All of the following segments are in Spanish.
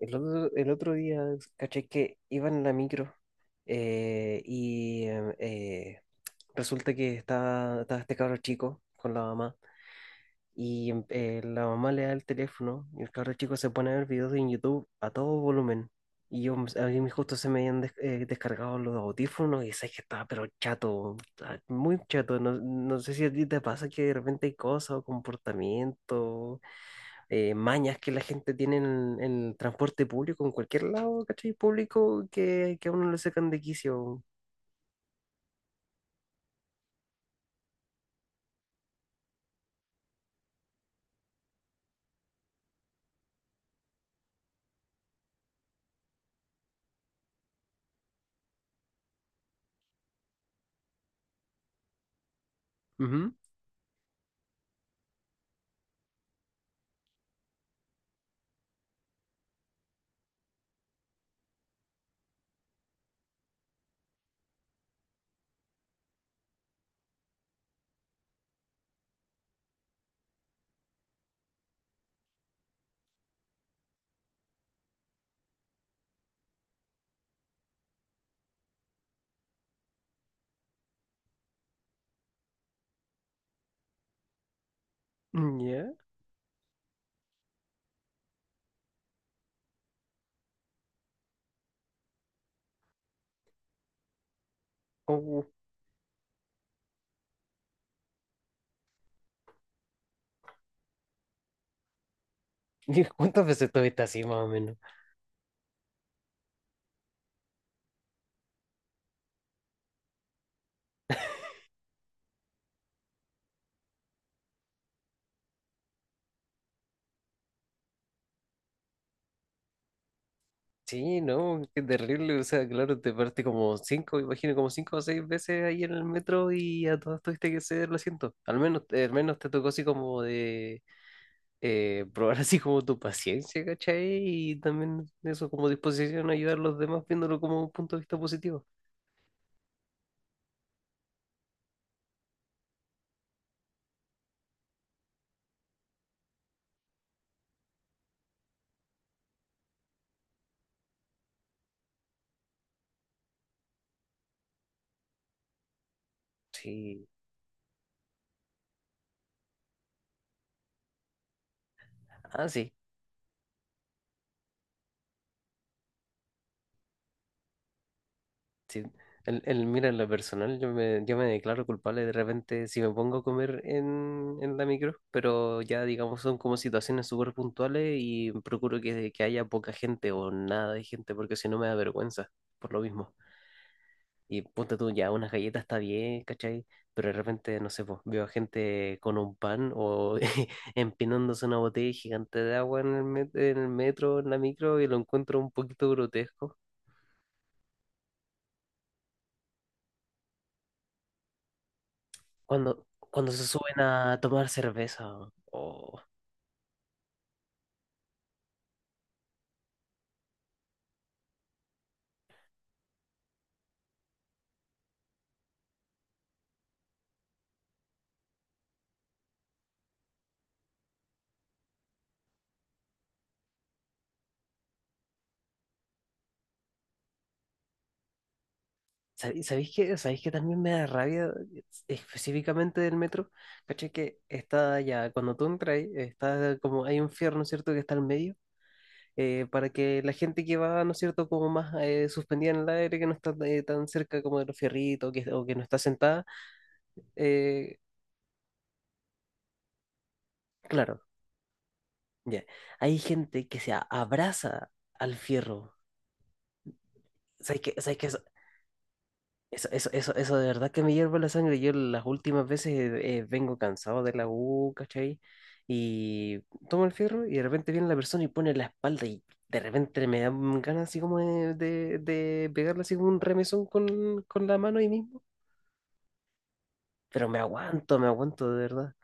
El otro día caché que iba en la micro eh, y em, eh, resulta que estaba este cabro chico con la mamá la mamá le da el teléfono y el cabro chico se pone a ver videos en YouTube a todo volumen. Y yo, a mí justo se me habían descargado los audífonos y sé que estaba pero chato, estaba muy chato. No, no sé si a ti te pasa que de repente hay cosas o comportamientos mañas que la gente tiene en el transporte público, en cualquier lado, ¿cachai? Público que a uno le sacan de quicio. Ujú. Mm, ya. Oh. ¿Cuántas veces estuviste así, más o menos? Sí, no, qué terrible. O sea, claro, te parte como cinco, imagino, como cinco o seis veces ahí en el metro y a todas tuviste que ceder el asiento. Al menos te tocó así como de probar así como tu paciencia, ¿cachai? Y también eso como disposición a ayudar a los demás viéndolo como un punto de vista positivo. Sí, ah, sí, sí. Mira, en lo personal, yo me declaro culpable de repente si me pongo a comer en la micro, pero ya digamos son como situaciones súper puntuales y procuro que haya poca gente o nada de gente, porque si no me da vergüenza, por lo mismo. Y ponte tú, ya unas galletas está bien, ¿cachai? Pero de repente, no sé, pues, veo a gente con un pan o empinándose una botella gigante de agua en en el metro, en la micro, y lo encuentro un poquito grotesco. Cuando, cuando se suben a tomar cerveza. o- Sabéis qué? ¿Sabéis qué también me da rabia específicamente del metro? ¿Cachai? Que está ya, cuando tú entras, está como, hay un fierro, ¿no es cierto?, que está al medio, para que la gente que va, ¿no es cierto?, como más suspendida en el aire, que no está tan cerca como de los fierritos, que, o que no está sentada, eh, claro, ya. Hay gente que se abraza al fierro. ¿Sabes qué? ¿Sabes qué? Eso de verdad que me hierve la sangre. Yo las últimas veces vengo cansado de la U, ¿cachai? Y tomo el fierro y de repente viene la persona y pone la espalda y de repente me dan ganas así como de pegarle así como un remesón con la mano ahí mismo. Pero me aguanto de verdad.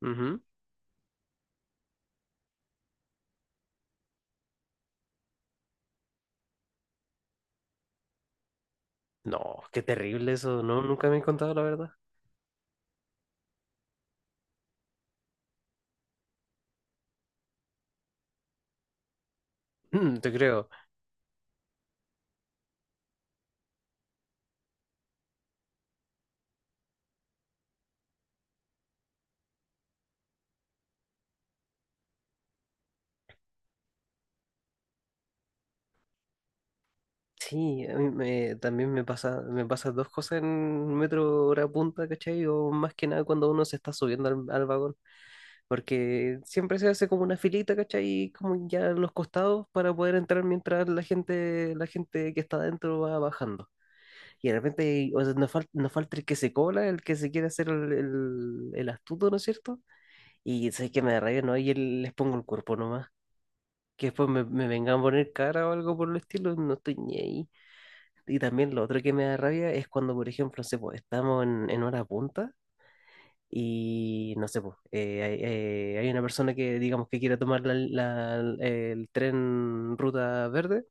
Ujú. No, qué terrible eso. No, nunca me he contado la verdad. Mm, te creo. Sí, a también me pasa dos cosas en metro hora punta, ¿cachai? O más que nada cuando uno se está subiendo al vagón, porque siempre se hace como una filita, ¿cachai? Y como ya en los costados para poder entrar mientras la gente que está adentro va bajando. Y de repente, o sea, nos falta el que se cola, el que se quiere hacer el astuto, ¿no es cierto? Y sé que me da rabia, ¿no? Y el- les pongo el cuerpo nomás. Que después me vengan a poner cara o algo por el estilo, no estoy ni ahí. Y también lo otro que me da rabia es cuando, por ejemplo, no sé, po, estamos en hora punta y no sé, po, hay una persona que digamos que quiere tomar el tren ruta verde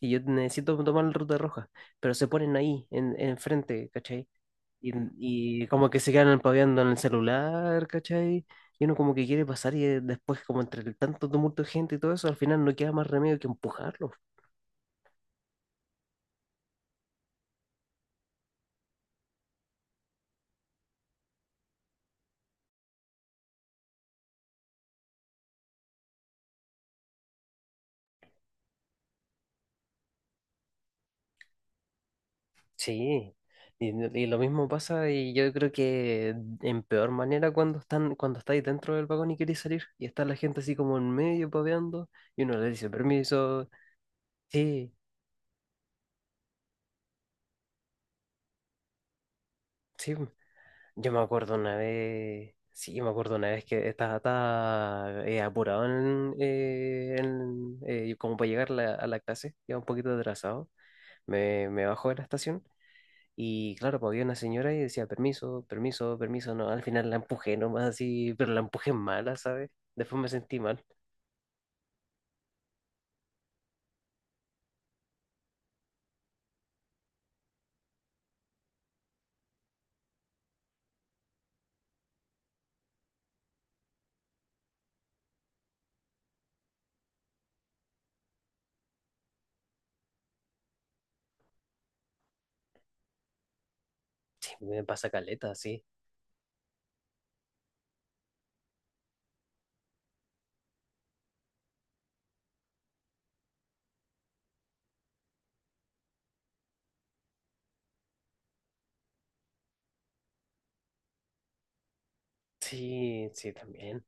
y yo necesito tomar la ruta roja, pero se ponen ahí, enfrente, ¿cachai? Y, y como que se quedan paviando en el celular, ¿cachai? Y uno como que quiere pasar y después como entre el tanto tumulto de gente y todo eso, al final no queda más remedio que empujarlo. Sí, y, y lo mismo pasa y yo creo que en peor manera cuando están, cuando estáis dentro del vagón y queréis salir y está la gente así como en medio paveando y uno le dice permiso. Sí, sí, yo me acuerdo una vez, sí, me acuerdo una vez que apurado como para llegar a a la clase, iba un poquito atrasado, me bajó de la estación. Y claro, pues había una señora y decía, permiso, permiso, permiso, no, al final la empujé nomás así, pero la empujé mala, ¿sabes? Después me sentí mal. Sí, me pasa caleta, sí. Sí, sí, también.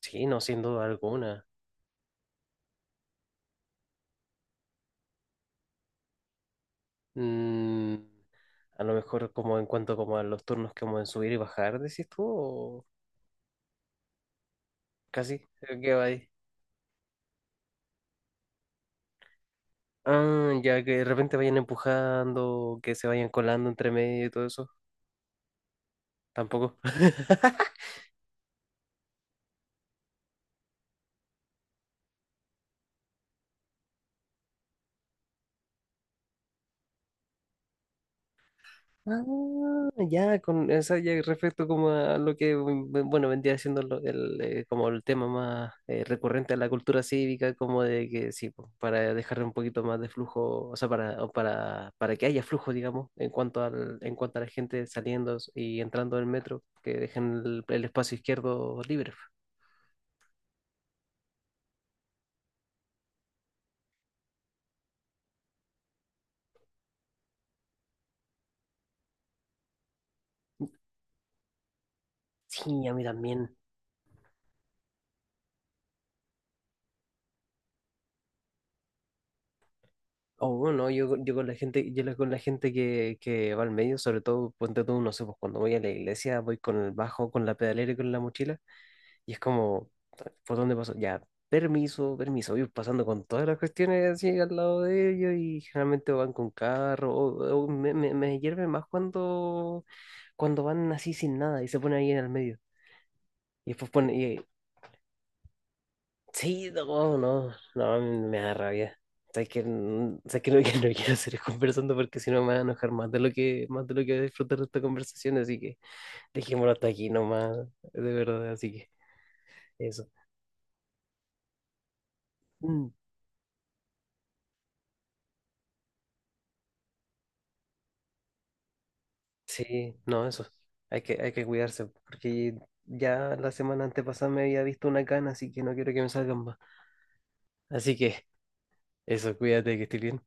Sí, no, sin duda alguna. Mm, a lo mejor como en cuanto como a los turnos como en subir y bajar, decís tú, o casi, creo que va ahí. Ah, ya que de repente vayan empujando, que se vayan colando entre medio y todo eso, tampoco. Ah, ya, con esa ya respecto como a lo que, mm, bueno, vendría siendo como el tema más recurrente a la cultura cívica, como de que sí, po, para dejar un poquito más de flujo, o sea, o para que haya flujo, digamos, en cuanto en cuanto a la gente saliendo y entrando del metro, que dejen el espacio izquierdo libre. Sí, a mí también. Oh, no, yo con la gente, con la gente que va al medio, sobre todo, ponte tú, no sé, pues cuando voy a la iglesia, voy con el bajo, con la pedalera y con la mochila, y es como, ¿por dónde paso? Ya, permiso, permiso, voy pasando con todas las cuestiones así al lado de ellos, y generalmente van con carro, o me hierve más cuando, cuando van así sin nada y se ponen ahí en el medio. Y después pone sí, no, no, no, me da rabia. Sabes que, sabes que no, que no quiero seguir conversando porque si no me voy a enojar más de lo que, más de lo que voy a disfrutar de esta conversación, así que dejémoslo hasta aquí nomás, de verdad, así que eso. Mm, sí, no, eso. Hay que cuidarse, porque ya la semana antepasada me había visto una cana, así que no quiero que me salgan más. Así que eso, cuídate, que estés bien.